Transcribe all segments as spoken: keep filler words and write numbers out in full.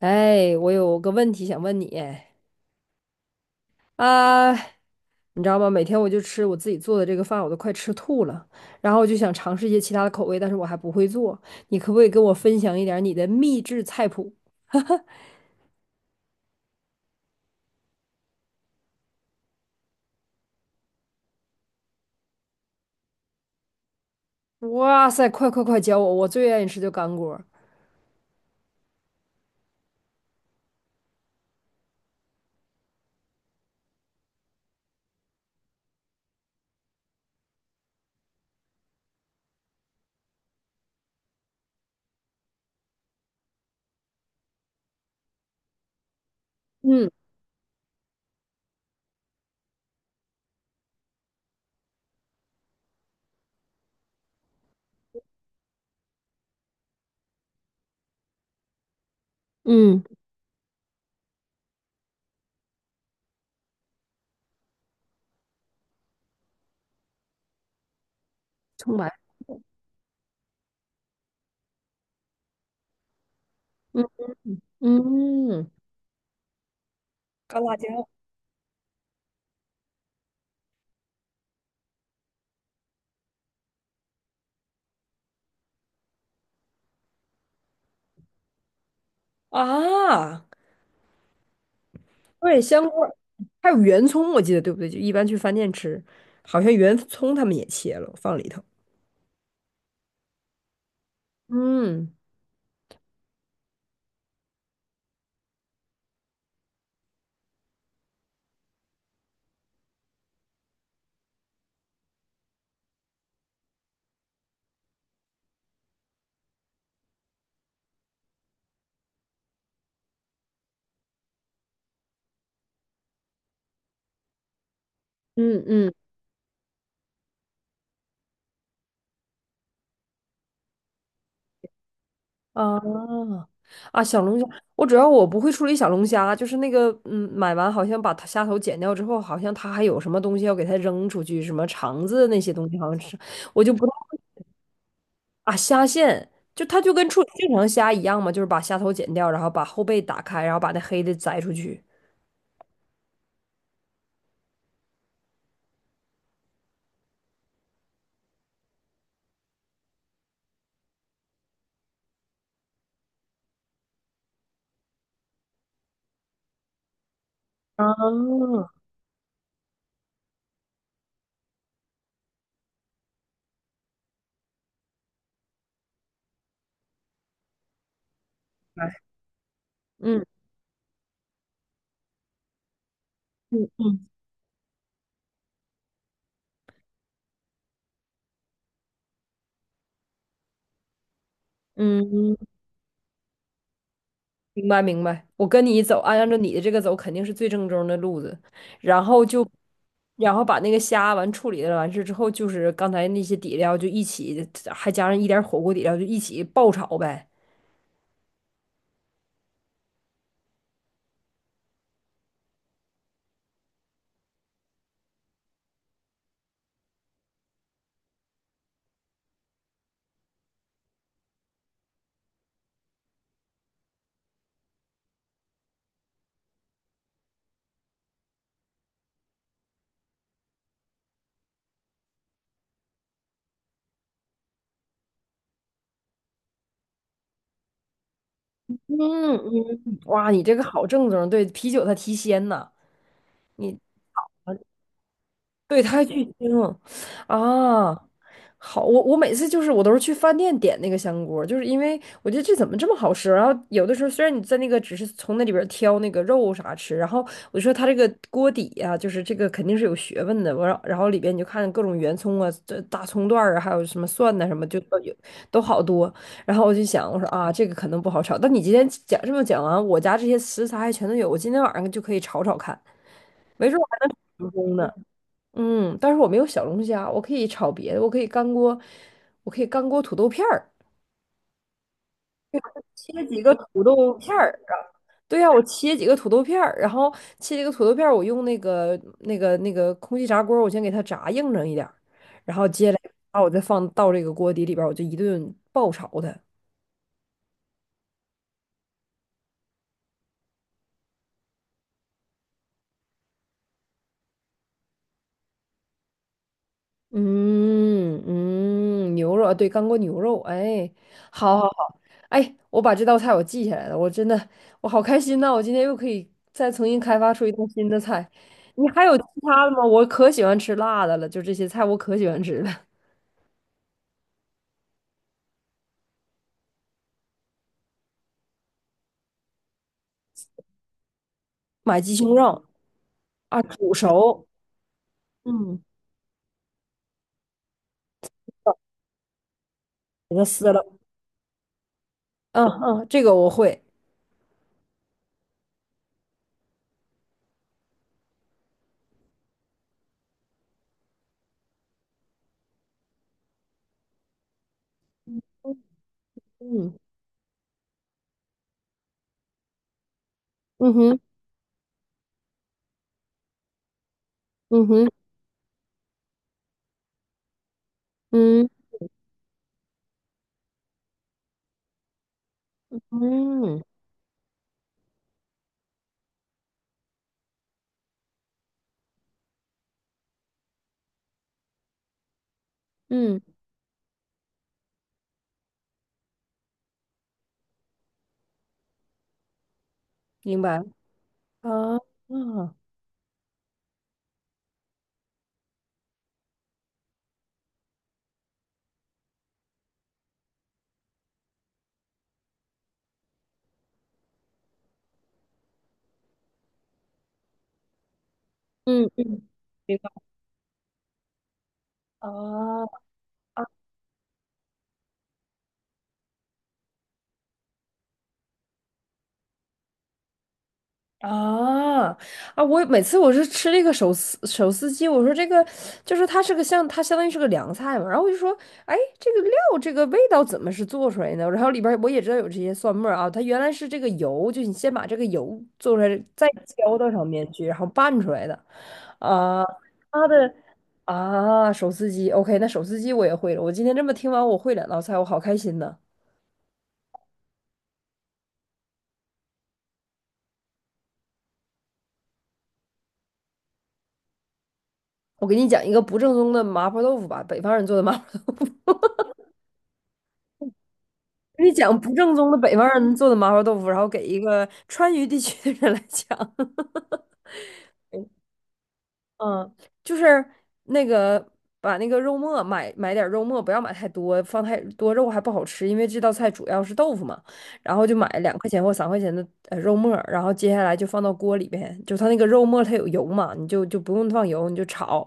哎，我有个问题想问你。啊，你知道吗？每天我就吃我自己做的这个饭，我都快吃吐了。然后我就想尝试一些其他的口味，但是我还不会做。你可不可以跟我分享一点儿你的秘制菜谱？哇塞，快快快教我！我最愿意吃就干锅儿。嗯嗯。葱白。嗯嗯。干辣椒。啊，对，香锅儿。还有圆葱，我记得对不对？就一般去饭店吃，好像圆葱他们也切了，放里头。嗯嗯嗯。啊啊，小龙虾，我主要我不会处理小龙虾，就是那个嗯，买完好像把它虾头剪掉之后，好像它还有什么东西要给它扔出去，什么肠子那些东西好像是，我就不太会。啊，虾线就它就跟处理正常虾一样嘛，就是把虾头剪掉，然后把后背打开，然后把那黑的摘出去。啊，哎，嗯嗯嗯嗯。明白明白，我跟你走，按按照你的这个走，肯定是最正宗的路子。然后就，然后把那个虾完处理了完事之后，就是刚才那些底料就一起，还加上一点火锅底料，就一起爆炒呗。嗯嗯，哇，你这个好正宗。对，啤酒它提鲜呐。你对，他它还巨腥。啊！好，我我每次就是我都是去饭店点那个香锅，就是因为我觉得这怎么这么好吃。然后有的时候虽然你在那个只是从那里边儿挑那个肉啥吃，然后我说他这个锅底呀，就是这个肯定是有学问的。我然后然后里边你就看各种圆葱啊、这大葱段儿啊，还有什么蒜呐、什么，就都有，都好多。然后我就想，我说啊，这个可能不好炒。但你今天讲这么讲完，我家这些食材还全都有，我今天晚上就可以炒炒看，没准儿我还能成功呢。嗯，但是我没有小龙虾，我可以炒别的，我可以干锅，我可以干锅土豆片儿，切几个土豆片儿啊。对呀，我切几个土豆片儿，然后切几个土豆片儿，我用那个那个那个空气炸锅儿我先给它炸硬整一点儿，然后接下来把我再放到这个锅底里边儿我就一顿爆炒它。嗯嗯，牛肉啊，对，干锅牛肉，哎，好好好。哎，我把这道菜我记下来了，我真的我好开心呐，我今天又可以再重新开发出一道新的菜。你还有其他的吗？我可喜欢吃辣的了，就这些菜我可喜欢吃了。买鸡胸肉。啊，煮熟。嗯，给它撕了。嗯嗯，这个我会。嗯。嗯哼。嗯哼。嗯嗯。嗯，明白啊。啊，嗯嗯。明白。啊啊。啊！我每次我是吃这个手撕手撕鸡，我说这个就是它是个像它相当于是个凉菜嘛，然后我就说，哎，这个料这个味道怎么是做出来的？然后里边儿我也知道有这些蒜末儿啊，它原来是这个油，就你先把这个油做出来，再浇到上面去，然后拌出来的。啊。它的啊手撕鸡，OK，那手撕鸡我也会了。我今天这么听完，我会两道菜，我好开心呢。我给你讲一个不正宗的麻婆豆腐吧，北方人做的麻。你讲不正宗的北方人做的麻婆豆腐，然后给一个川渝地区的人来讲。嗯，就是那个把那个肉末，买买点儿肉末，不要买太多，放太多肉还不好吃，因为这道菜主要是豆腐嘛。然后就买两块钱或三块钱的呃肉末儿，然后接下来就放到锅里边，就它那个肉末它有油嘛，你就就不用放油，你就炒，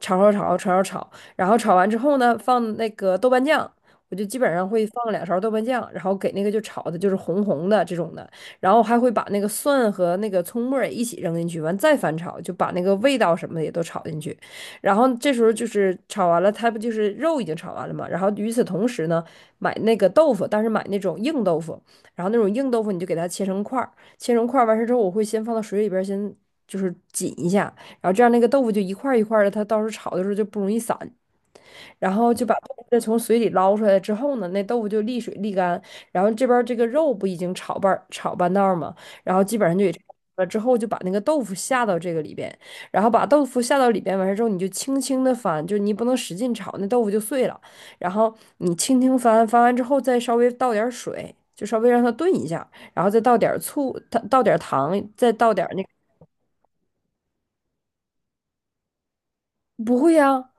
炒炒炒炒炒炒，然后炒完之后呢，放那个豆瓣酱。我就基本上会放两勺豆瓣酱，然后给那个就炒的就是红红的这种的。然后还会把那个蒜和那个葱末儿也一起扔进去，完再翻炒，就把那个味道什么的也都炒进去。然后这时候就是炒完了，它不就是肉已经炒完了嘛？然后与此同时呢，买那个豆腐，但是买那种硬豆腐，然后那种硬豆腐你就给它切成块儿，切成块儿完事之后，我会先放到水里边儿先就是紧一下，然后这样那个豆腐就一块儿一块儿的，它到时候炒的时候就不容易散。然后就把豆子从水里捞出来之后呢，那豆腐就沥水沥干。然后这边儿这个肉不已经炒半儿炒半道儿嘛，然后基本上就也差不多了之后就把那个豆腐下到这个里边。然后把豆腐下到里边完事之后，你就轻轻的翻，就你不能使劲炒，那豆腐就碎了。然后你轻轻翻，翻完之后再稍微倒点儿水，就稍微让它炖一下，然后再倒点儿醋，它倒点儿糖，再倒点儿那个。不会呀，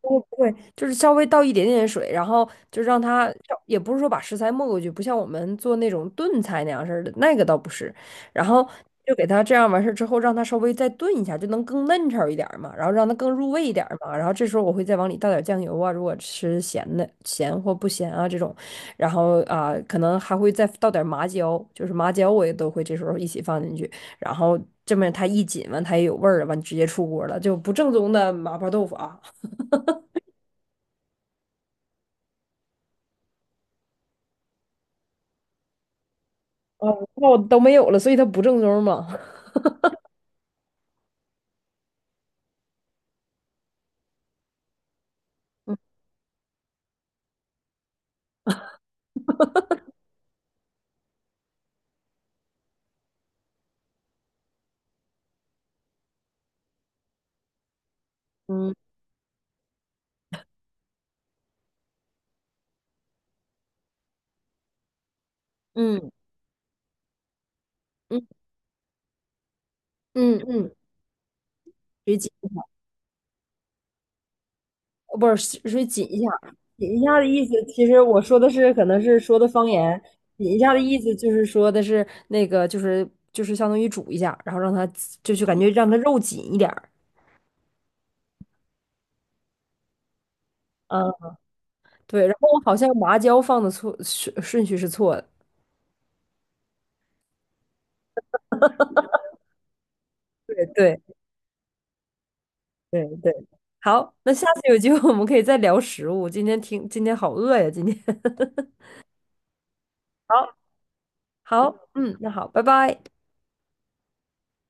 不会不会，就是稍微倒一点点水，然后就让它，也不是说把食材没过去，不像我们做那种炖菜那样似的，那个倒不是。然后就给它这样完事儿之后，让它稍微再炖一下，就能更嫩炒一点儿嘛，然后让它更入味一点儿嘛。然后这时候我会再往里倒点酱油啊，如果吃咸的咸或不咸啊这种，然后啊、可能还会再倒点麻椒，就是麻椒我也都会这时候一起放进去，然后这么它一紧完它也有味儿了，完直接出锅了，就不正宗的麻婆豆腐啊。啊，那我都没有了，所以它不正宗嘛。嗯嗯嗯嗯嗯。水紧一下，呃不是水水紧一下，紧一下的意思，其实我说的是可能是说的方言。紧一下的意思就是说的是那个就是就是相当于煮一下，然后让它就是感觉让它肉紧一点儿。嗯，对，然后我好像麻椒放的错顺顺序是错的。对对对对，好，那下次有机会我们可以再聊食物，今天听今天好饿呀，今天 好。好，嗯，那好，拜拜。